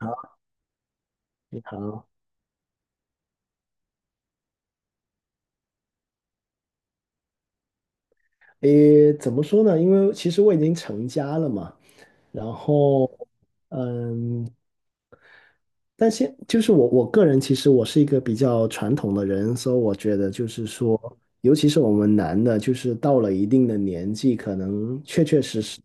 好。你好。怎么说呢？因为其实我已经成家了嘛，然后，嗯，但现就是我个人，其实我是一个比较传统的人，所以我觉得就是说，尤其是我们男的，就是到了一定的年纪，可能确确实实，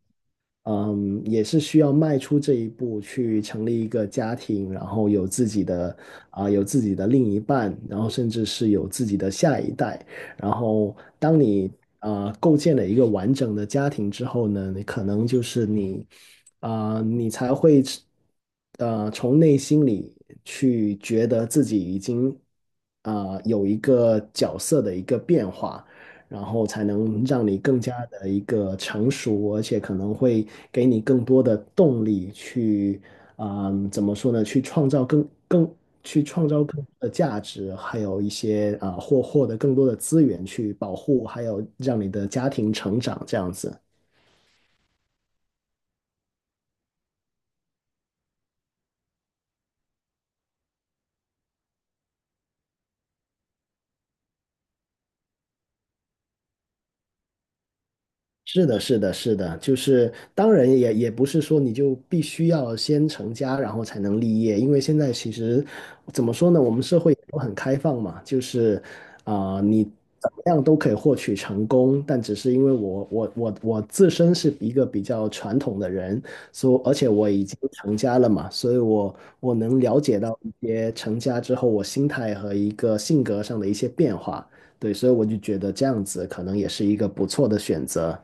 嗯，也是需要迈出这一步，去成立一个家庭，然后有自己的有自己的另一半，然后甚至是有自己的下一代。然后当你构建了一个完整的家庭之后呢，你可能就是你你才会从内心里去觉得自己已经有一个角色的一个变化。然后才能让你更加的一个成熟，而且可能会给你更多的动力去，嗯，怎么说呢？去创造去创造更多的价值，还有一些获得更多的资源去保护，还有让你的家庭成长这样子。是的，是的，是的，就是当然也不是说你就必须要先成家，然后才能立业，因为现在其实怎么说呢，我们社会都很开放嘛，就是你怎么样都可以获取成功，但只是因为我自身是一个比较传统的人，所而且我已经成家了嘛，所以我能了解到一些成家之后我心态和一个性格上的一些变化，对，所以我就觉得这样子可能也是一个不错的选择。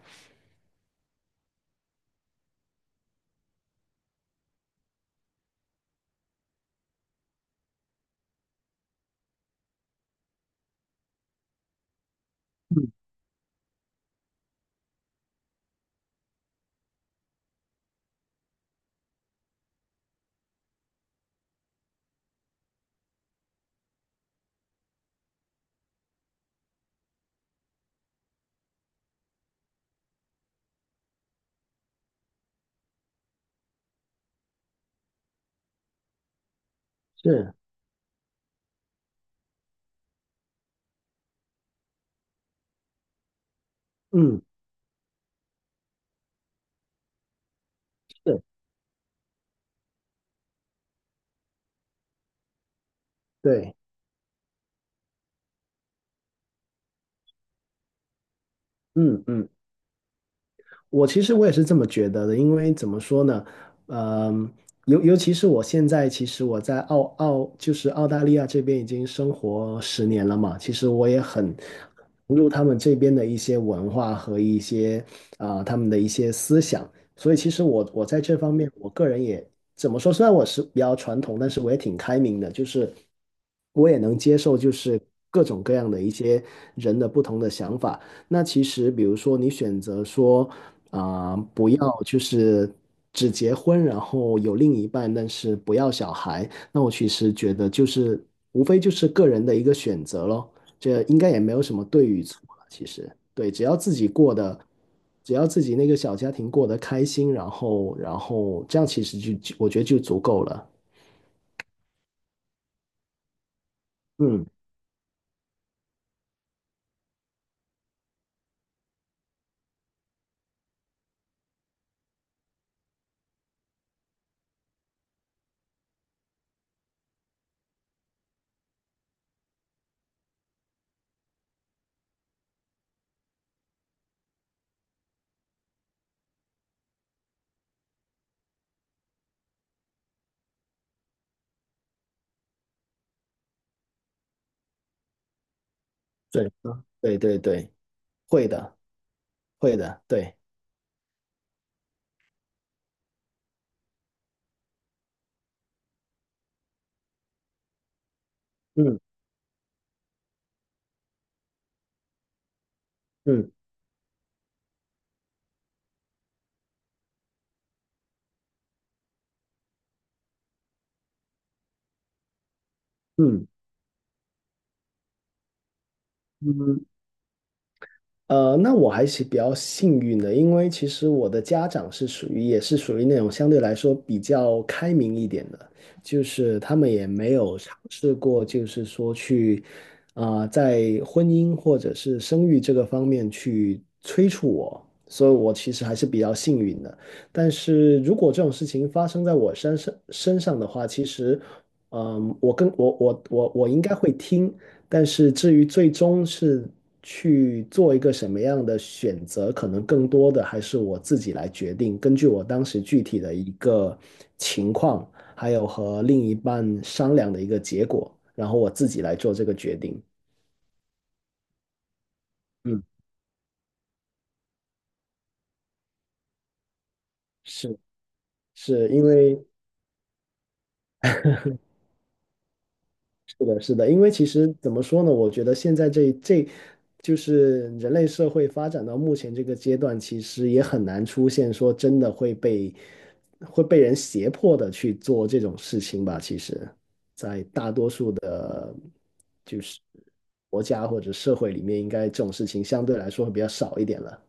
是。嗯。是。对。嗯嗯，我其实我也是这么觉得的，因为怎么说呢，嗯、尤其是我现在，其实我在澳澳就是澳大利亚这边已经生活十年了嘛，其实我也很融入他们这边的一些文化和一些他们的一些思想，所以其实我在这方面，我个人也怎么说，虽然我是比较传统，但是我也挺开明的，就是我也能接受就是各种各样的一些人的不同的想法。那其实，比如说你选择说，不要就是只结婚，然后有另一半，但是不要小孩，那我其实觉得就是无非就是个人的一个选择咯，这应该也没有什么对与错了其实，对，只要自己过得，只要自己那个小家庭过得开心，然后这样其实就我觉得就足够了。嗯。对。对对对。会的。会的。对。嗯嗯嗯。嗯那我还是比较幸运的，因为其实我的家长是属于也是属于那种相对来说比较开明一点的，就是他们也没有尝试过，就是说去在婚姻或者是生育这个方面去催促我，所以我其实还是比较幸运的。但是如果这种事情发生在我身上的话，其实，嗯，我跟我我我我应该会听，但是至于最终是去做一个什么样的选择，可能更多的还是我自己来决定，根据我当时具体的一个情况，还有和另一半商量的一个结果，然后我自己来做这个决定。嗯。是是是的，是的，因为其实怎么说呢？我觉得现在，就是人类社会发展到目前这个阶段，其实也很难出现说真的会被会被人胁迫的去做这种事情吧。其实，在大多数的，就是国家或者社会里面，应该这种事情相对来说会比较少一点了。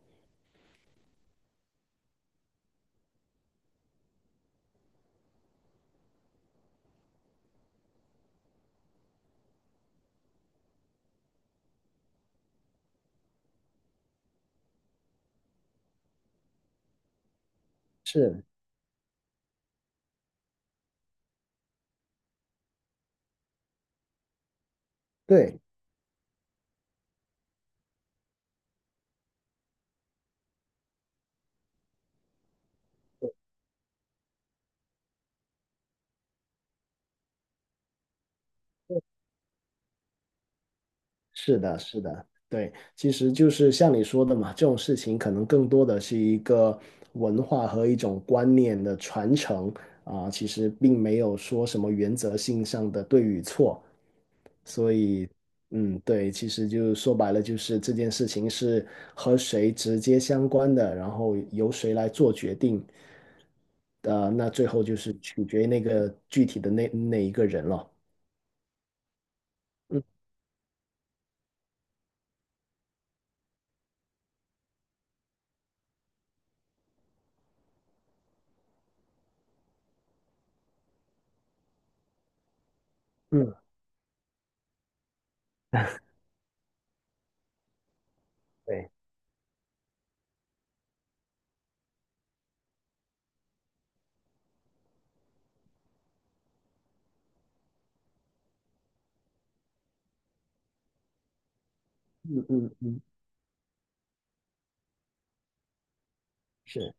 是。对。是的，是的，对，其实就是像你说的嘛，这种事情可能更多的是一个文化和一种观念的传承啊，其实并没有说什么原则性上的对与错，所以，嗯，对，其实就说白了，就是这件事情是和谁直接相关的，然后由谁来做决定，那最后就是取决于那个具体的那那一个人了。嗯嗯。对。嗯嗯嗯。是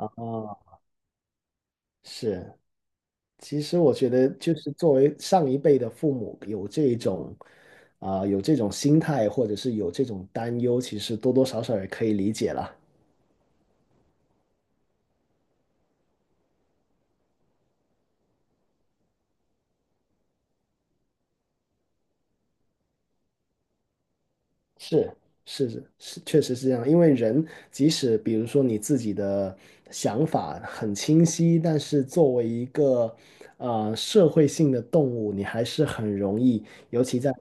啊。是，其实我觉得就是作为上一辈的父母，有这种有这种心态，或者是有这种担忧，其实多多少少也可以理解了。是是是是，确实是这样。因为人即使比如说你自己的想法很清晰，但是作为一个社会性的动物，你还是很容易，尤其在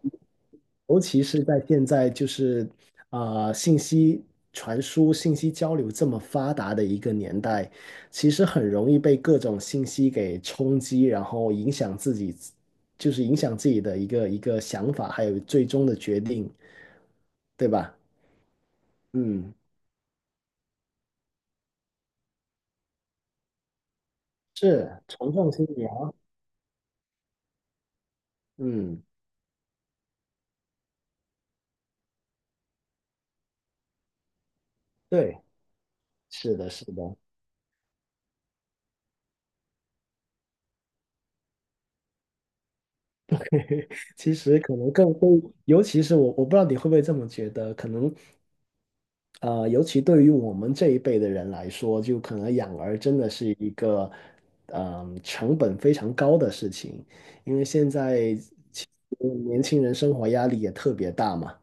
尤其是在现在就是信息传输、信息交流这么发达的一个年代，其实很容易被各种信息给冲击，然后影响自己，就是影响自己的一个想法，还有最终的决定，对吧？嗯，是从众心理啊。嗯。对。是的，是的。其实可能更会，尤其是我，我不知道你会不会这么觉得，可能，呃，尤其对于我们这一辈的人来说，就可能养儿真的是一个，成本非常高的事情，因为现在其实年轻人生活压力也特别大嘛。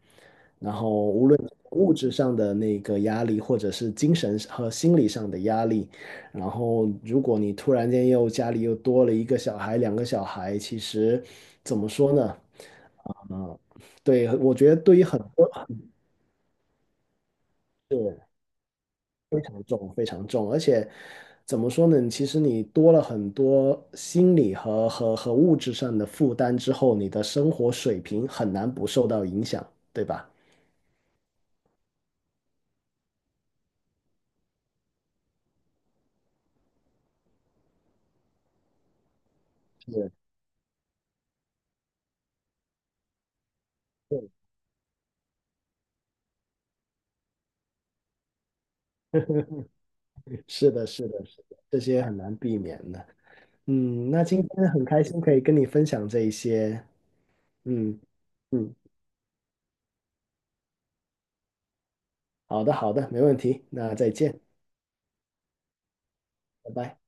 然后无论物质上的那个压力，或者是精神和心理上的压力，然后如果你突然间又家里又多了一个小孩、两个小孩，其实怎么说呢？嗯，对，我觉得对于很多是非常重、非常重，而且怎么说呢？其实你多了很多心理和物质上的负担之后，你的生活水平很难不受到影响，对吧？是。是的，是的，是的，这些很难避免的。嗯，那今天很开心可以跟你分享这一些。嗯嗯，好的，好的，没问题。那再见。拜拜。